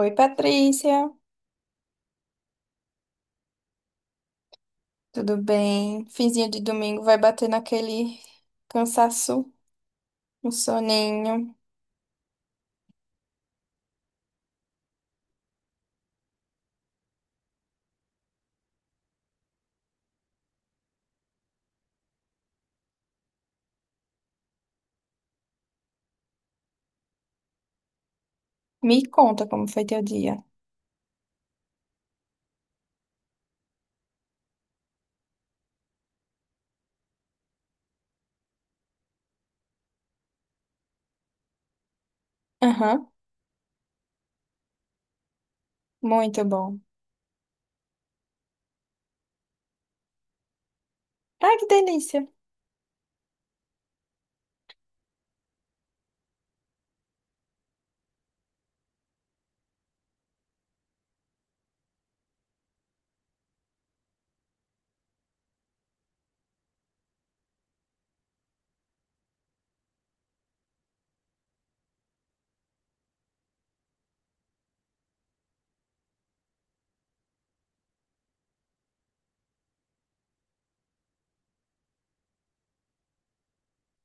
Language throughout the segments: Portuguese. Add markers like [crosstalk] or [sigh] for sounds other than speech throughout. Oi, Patrícia, tudo bem? Finzinho de domingo vai bater naquele cansaço, um soninho. Me conta como foi teu dia. Aham, muito bom. Ai, que delícia.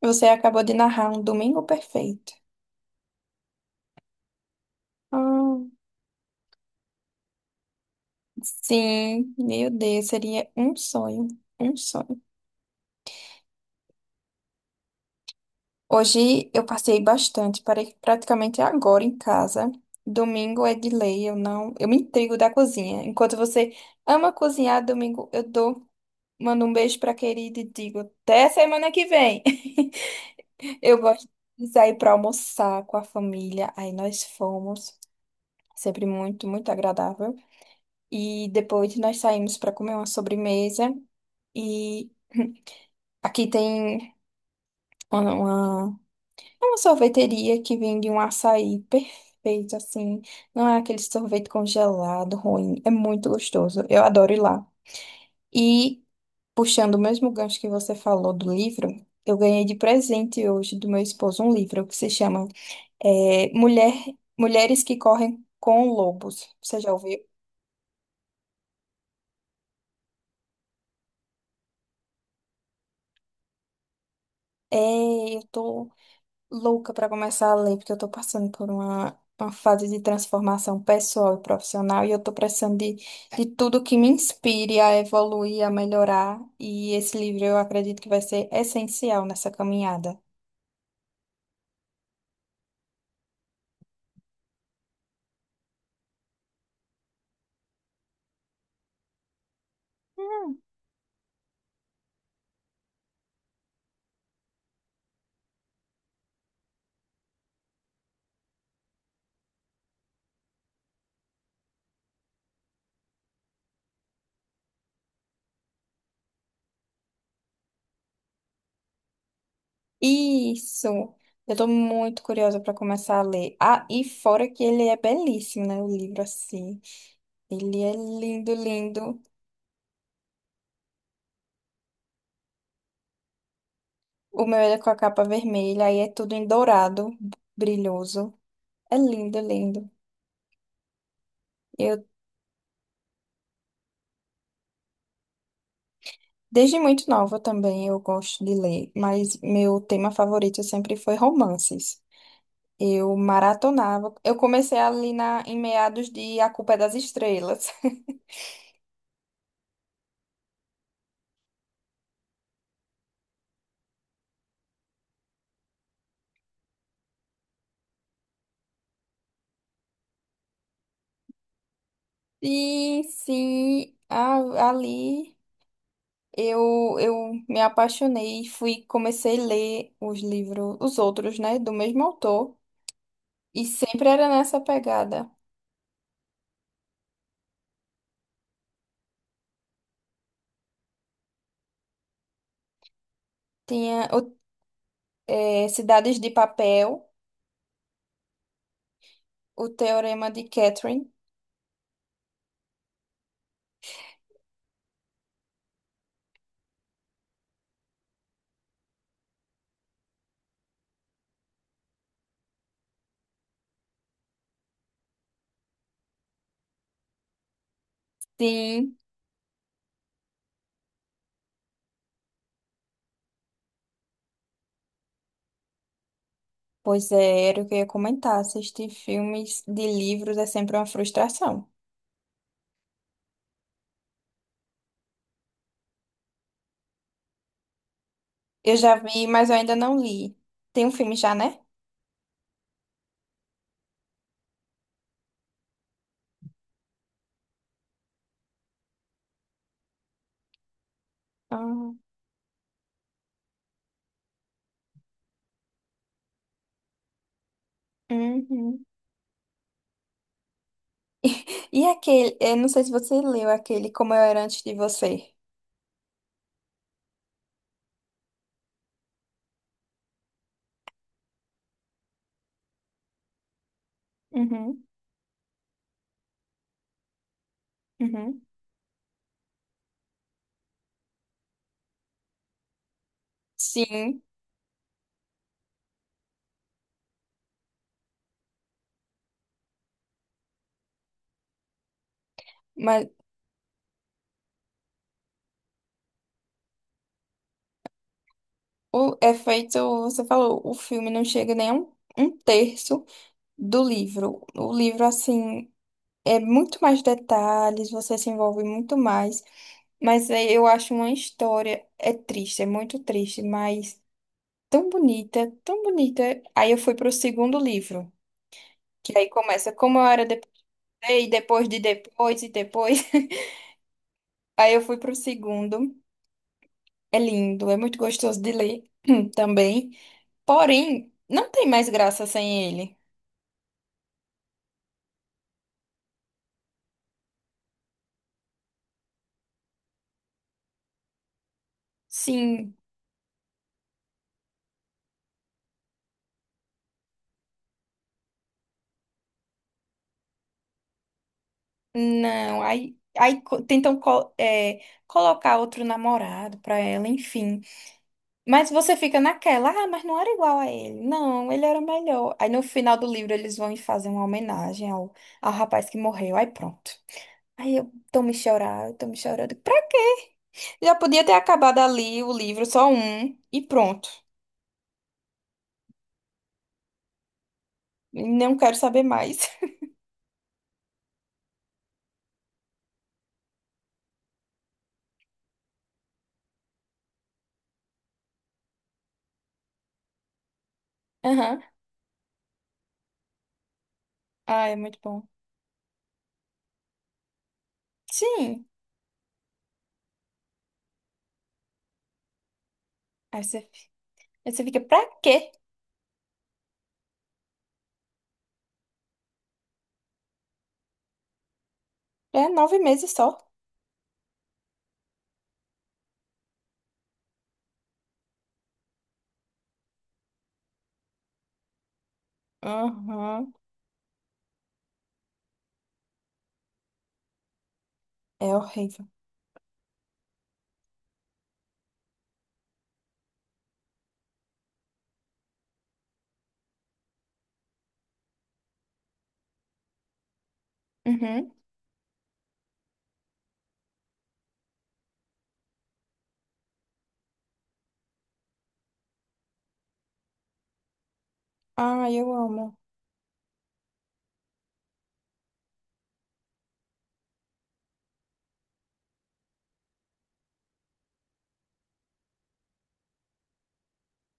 Você acabou de narrar um domingo perfeito. Ah, sim, meu Deus, seria um sonho, um sonho. Hoje eu passei bastante, parei praticamente agora em casa. Domingo é de lei, eu não, eu me intrigo da cozinha. Enquanto você ama cozinhar, domingo eu dou. Mando um beijo pra querida e digo até semana que vem. [laughs] Eu gosto de sair pra almoçar com a família. Aí nós fomos, sempre muito, muito agradável. E depois nós saímos pra comer uma sobremesa. E [clears throat] aqui tem uma, uma, uma sorveteria que vende um açaí perfeito, assim. Não é aquele sorvete congelado ruim, é muito gostoso. Eu adoro ir lá. E puxando o mesmo gancho que você falou do livro, eu ganhei de presente hoje do meu esposo um livro que se chama eh, Mulher, Mulheres que Correm com Lobos. Você já ouviu? É, eu tô louca para começar a ler, porque eu tô passando por uma fase de transformação pessoal e profissional, e eu tô precisando de tudo que me inspire a evoluir, a melhorar, e esse livro eu acredito que vai ser essencial nessa caminhada. Isso. Eu tô muito curiosa para começar a ler. Ah, e fora que ele é belíssimo, né? O livro assim. Ele é lindo, lindo. O meu é com a capa vermelha, aí é tudo em dourado, brilhoso. É lindo, lindo. Eu, desde muito nova também, eu gosto de ler, mas meu tema favorito sempre foi romances. Eu maratonava. Eu comecei ali na, em meados de A Culpa é das Estrelas. [laughs] Sim, sim, ali. Eu me apaixonei e fui, comecei a ler os livros, os outros, né, do mesmo autor, e sempre era nessa pegada. Tinha Cidades de Papel, O Teorema de Catherine. Sim, pois é, era o que eu ia comentar. Assistir filmes de livros é sempre uma frustração. Eu já vi, mas eu ainda não li. Tem um filme já, né? Ah, uhum. E aquele, eu não sei se você leu aquele Como Eu Era Antes de Você. Uhum, uhum. Sim. Mas o é feito, você falou, o filme não chega nem a um, um terço do livro. O livro, assim, é muito mais detalhes, você se envolve muito mais. Mas é- eu acho uma história, é triste, é muito triste, mas tão bonita, tão bonita. Aí eu fui pro segundo livro, que aí começa como eu era depois, e depois de depois e depois. [laughs] Aí eu fui pro segundo. É lindo, é muito gostoso de ler [clears throat] também. Porém, não tem mais graça sem ele. Sim, não. Aí, tentam colocar outro namorado pra ela, enfim. Mas você fica naquela, ah, mas não era igual a ele. Não, ele era melhor. Aí no final do livro eles vão e fazem uma homenagem ao, ao rapaz que morreu. Aí pronto. Aí eu tô me chorando, tô me chorando. Pra quê? Já podia ter acabado ali o livro, só um, e pronto. Não quero saber mais. [laughs] Aham. Ah, é muito bom. Sim. Aí você, aí você fica, pra quê? É 9 meses só. Uhum. É horrível. Uhum. Ah, eu amo.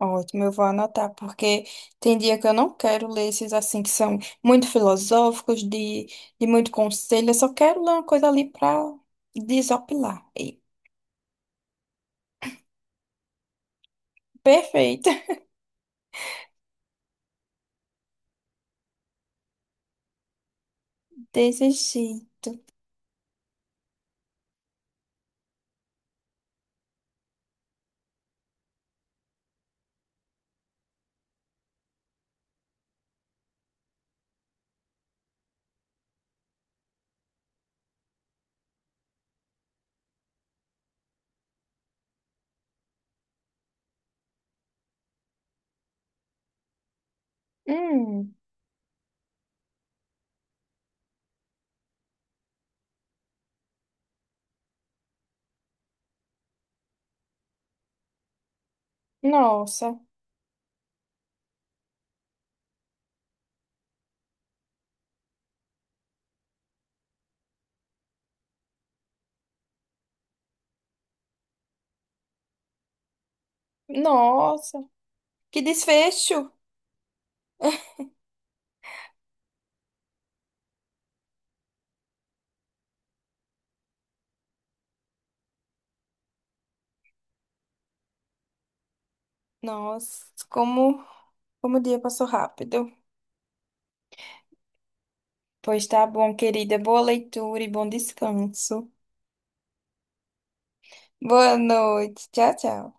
Ótimo, eu vou anotar, porque tem dia que eu não quero ler esses assim que são muito filosóficos, de muito conselho. Eu só quero ler uma coisa ali pra desopilar. Perfeito. [laughs] Desse jeito. Hum, nossa. Nossa. Que desfecho. Nossa, como o dia passou rápido. Pois tá bom, querida. Boa leitura e bom descanso. Boa noite. Tchau, tchau.